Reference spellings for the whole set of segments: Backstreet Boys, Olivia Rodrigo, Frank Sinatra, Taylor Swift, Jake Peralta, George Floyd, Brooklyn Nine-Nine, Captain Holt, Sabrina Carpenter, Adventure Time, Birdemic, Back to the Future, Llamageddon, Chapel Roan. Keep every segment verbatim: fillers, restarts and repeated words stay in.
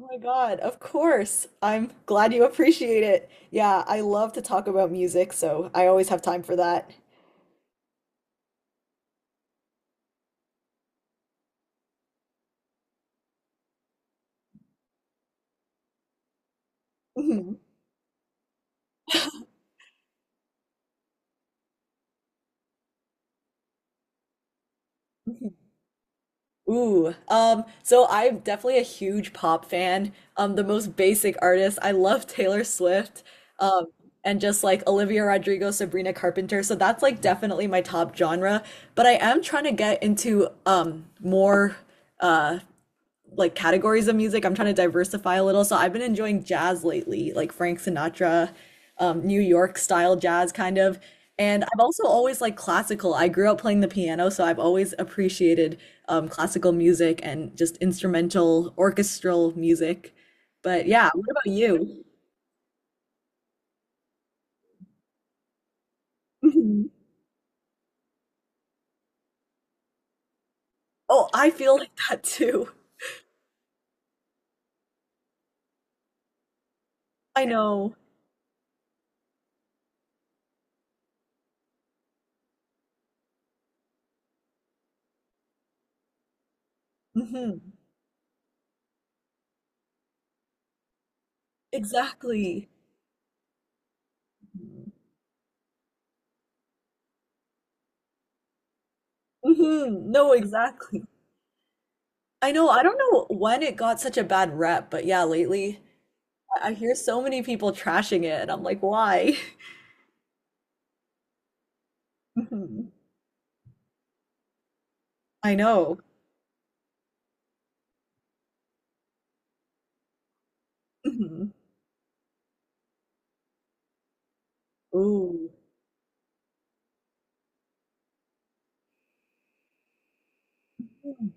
Oh my God, of course. I'm glad you appreciate it. Yeah, I love to talk about music, so I always have time for that. Mhm, mhm. Ooh, um, so I'm definitely a huge pop fan. Um, the most basic artist. I love Taylor Swift, um, and just like Olivia Rodrigo, Sabrina Carpenter. So that's like definitely my top genre. But I am trying to get into um more. uh, like categories of music. I'm trying to diversify a little. So I've been enjoying jazz lately, like Frank Sinatra, um, New York style jazz kind of. And I've also always liked classical. I grew up playing the piano, so I've always appreciated um, classical music and just instrumental orchestral music. But yeah, what about you? Mhm. Oh, I feel like that too. I know. Hmm. Exactly. Hmm. No, exactly. I know, I don't know when it got such a bad rep, but yeah, lately I I hear so many people trashing it, and I'm like, why? Mhm. I know. Mhm. Ooh. Mm.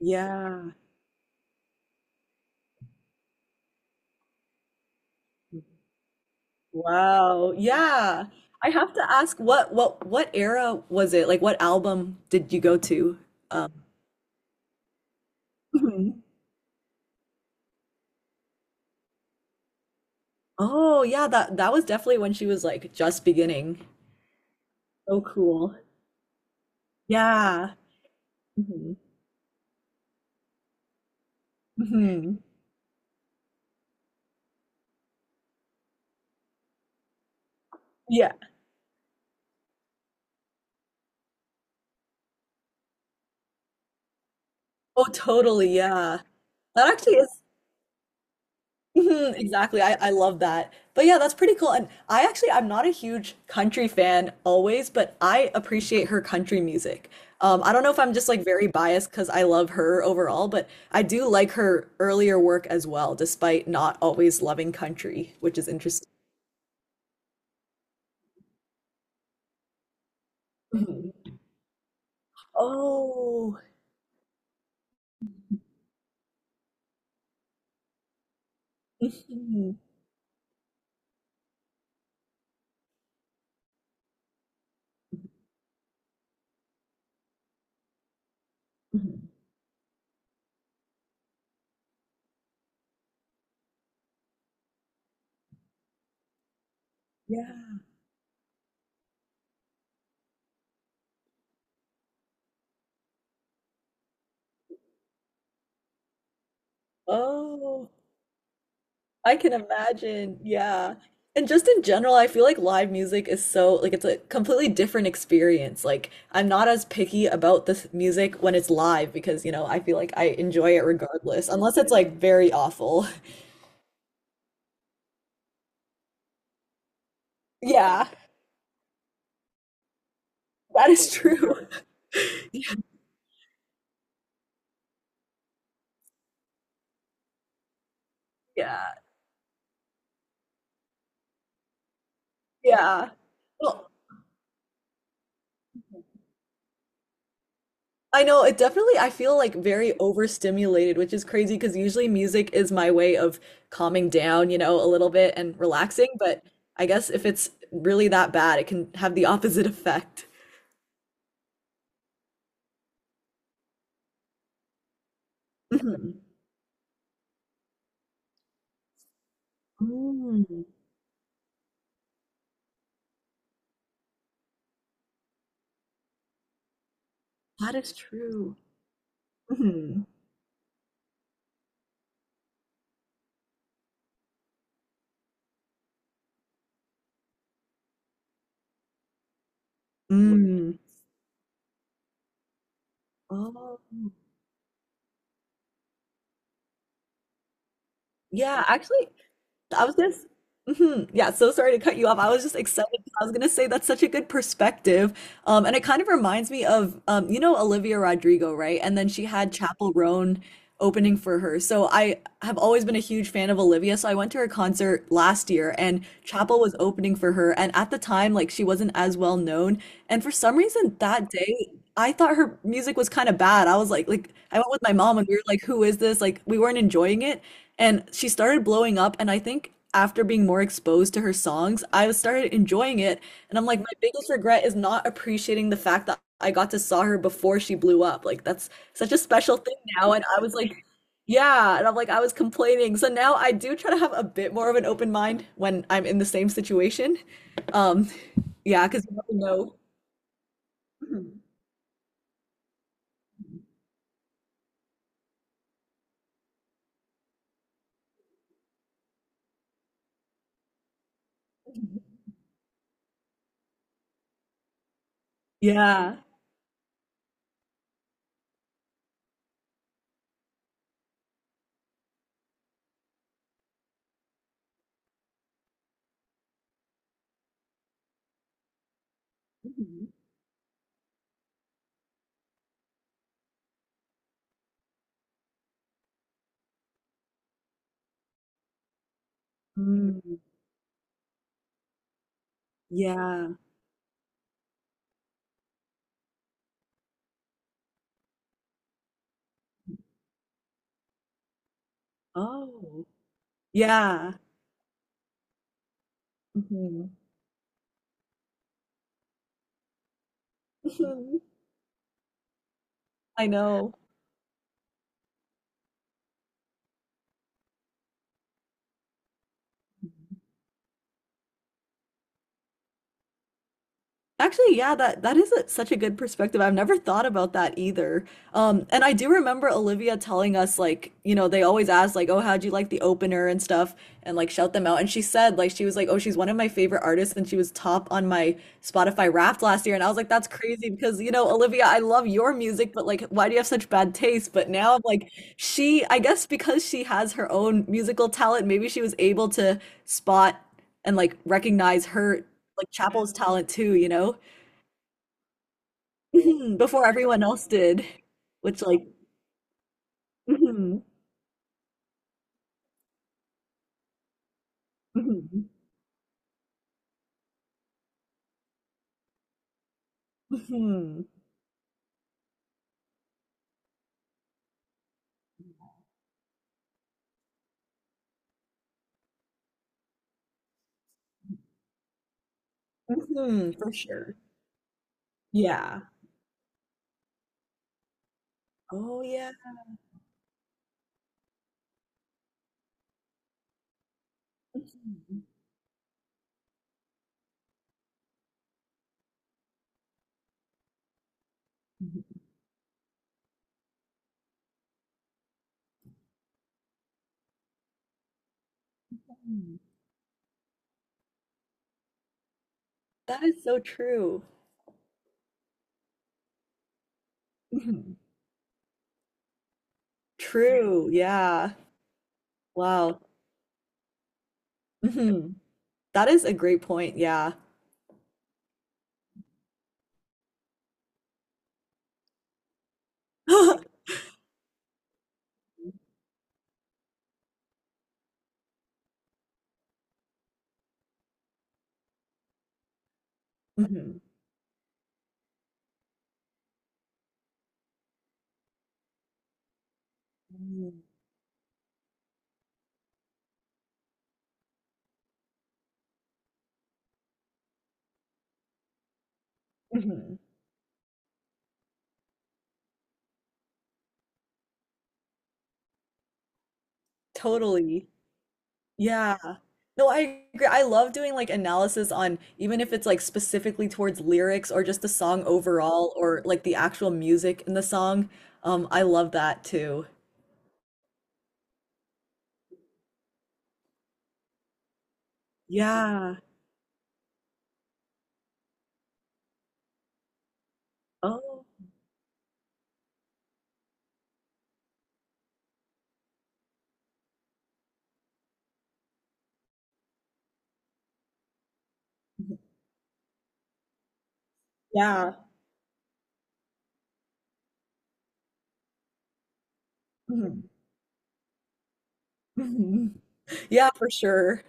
Yeah. Wow. Yeah. I have to ask what what what era was it? Like what album did you go to? Um, Mhm. Oh, yeah, that that was definitely when she was like just beginning. So cool. Yeah. Hmm. Hmm. Yeah. Oh, totally. Yeah. That actually is. Mhm. Exactly. I, I love that. But yeah, that's pretty cool. And I actually, I'm not a huge country fan always, but I appreciate her country music. Um, I don't know if I'm just like very biased because I love her overall, but I do like her earlier work as well, despite not always loving country, which is interesting. Mhm. Oh, mhm, mhm. Yeah. Oh. I can imagine. Yeah. And just in general, I feel like live music is so, like, it's a completely different experience. Like, I'm not as picky about this music when it's live because, you know, I feel like I enjoy it regardless, unless it's like very awful. Yeah, that is true. Yeah, yeah. Well, I know it definitely, I feel like very overstimulated, which is crazy because usually music is my way of calming down, you know, a little bit and relaxing. But I guess if it's really that bad, it can have the opposite effect. Mhm. Mm, that is true. Mhm. Mm. Oh, yeah. Actually, I was just, mhm. Yeah, so sorry to cut you off. I was just excited because I was going to say that's such a good perspective. Um, and it kind of reminds me of, um, you know, Olivia Rodrigo, right? And then she had Chapel Roan opening for her. So I have always been a huge fan of Olivia. So I went to her concert last year and Chapel was opening for her. And at the time, like she wasn't as well known. And for some reason that day, I thought her music was kind of bad. I was like, like I went with my mom and we were like, who is this? Like we weren't enjoying it. And she started blowing up, and I think after being more exposed to her songs, I started enjoying it. And I'm like, my biggest regret is not appreciating the fact that I got to saw her before she blew up. Like that's such a special thing now. And I was like, yeah. And I'm like, I was complaining. So now I do try to have a bit more of an open mind when I'm in the same situation. Um, yeah, because you never know. Mhm. Yeah. Mhm. Mm, yeah. Oh. Yeah. Mhm. Mhm. I know. Actually, yeah, that that is a, such a good perspective. I've never thought about that either. Um, and I do remember Olivia telling us like, you know, they always ask like, "Oh, how'd you like the opener and stuff?" and like shout them out. And she said like she was like, "Oh, she's one of my favorite artists and she was top on my Spotify Wrapped last year." And I was like, "That's crazy because, you know, Olivia, I love your music, but like why do you have such bad taste?" But now I'm like, she, I guess because she has her own musical talent, maybe she was able to spot and like recognize her like Chapel's talent too, you know, before everyone else did, which like mhm, mhm, mhm, mhm, for sure. Yeah. Oh yeah. Mhm, mhm. That is so true. Mhm. True. Yeah. Wow. Mhm. That is a great point. Yeah. Mhm. Mhm. Mhm. Totally. Yeah. No, I agree. I love doing like analysis on even if it's like specifically towards lyrics or just the song overall or like the actual music in the song. Um, I love that too. Yeah. Oh, mhm. Yeah. Mhm. Mhm. Yeah, for sure.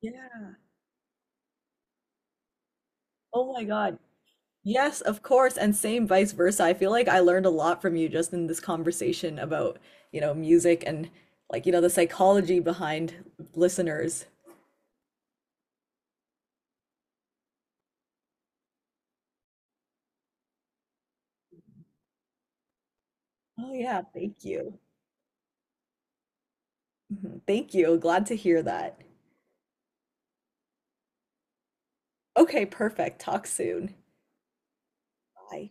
Yeah. Oh my God. Yes, of course. And same vice versa. I feel like I learned a lot from you just in this conversation about, you know, music and like, you know, the psychology behind listeners. Oh yeah, thank you. Mhm. Thank you. Glad to hear that. Okay, perfect. Talk soon. Bye.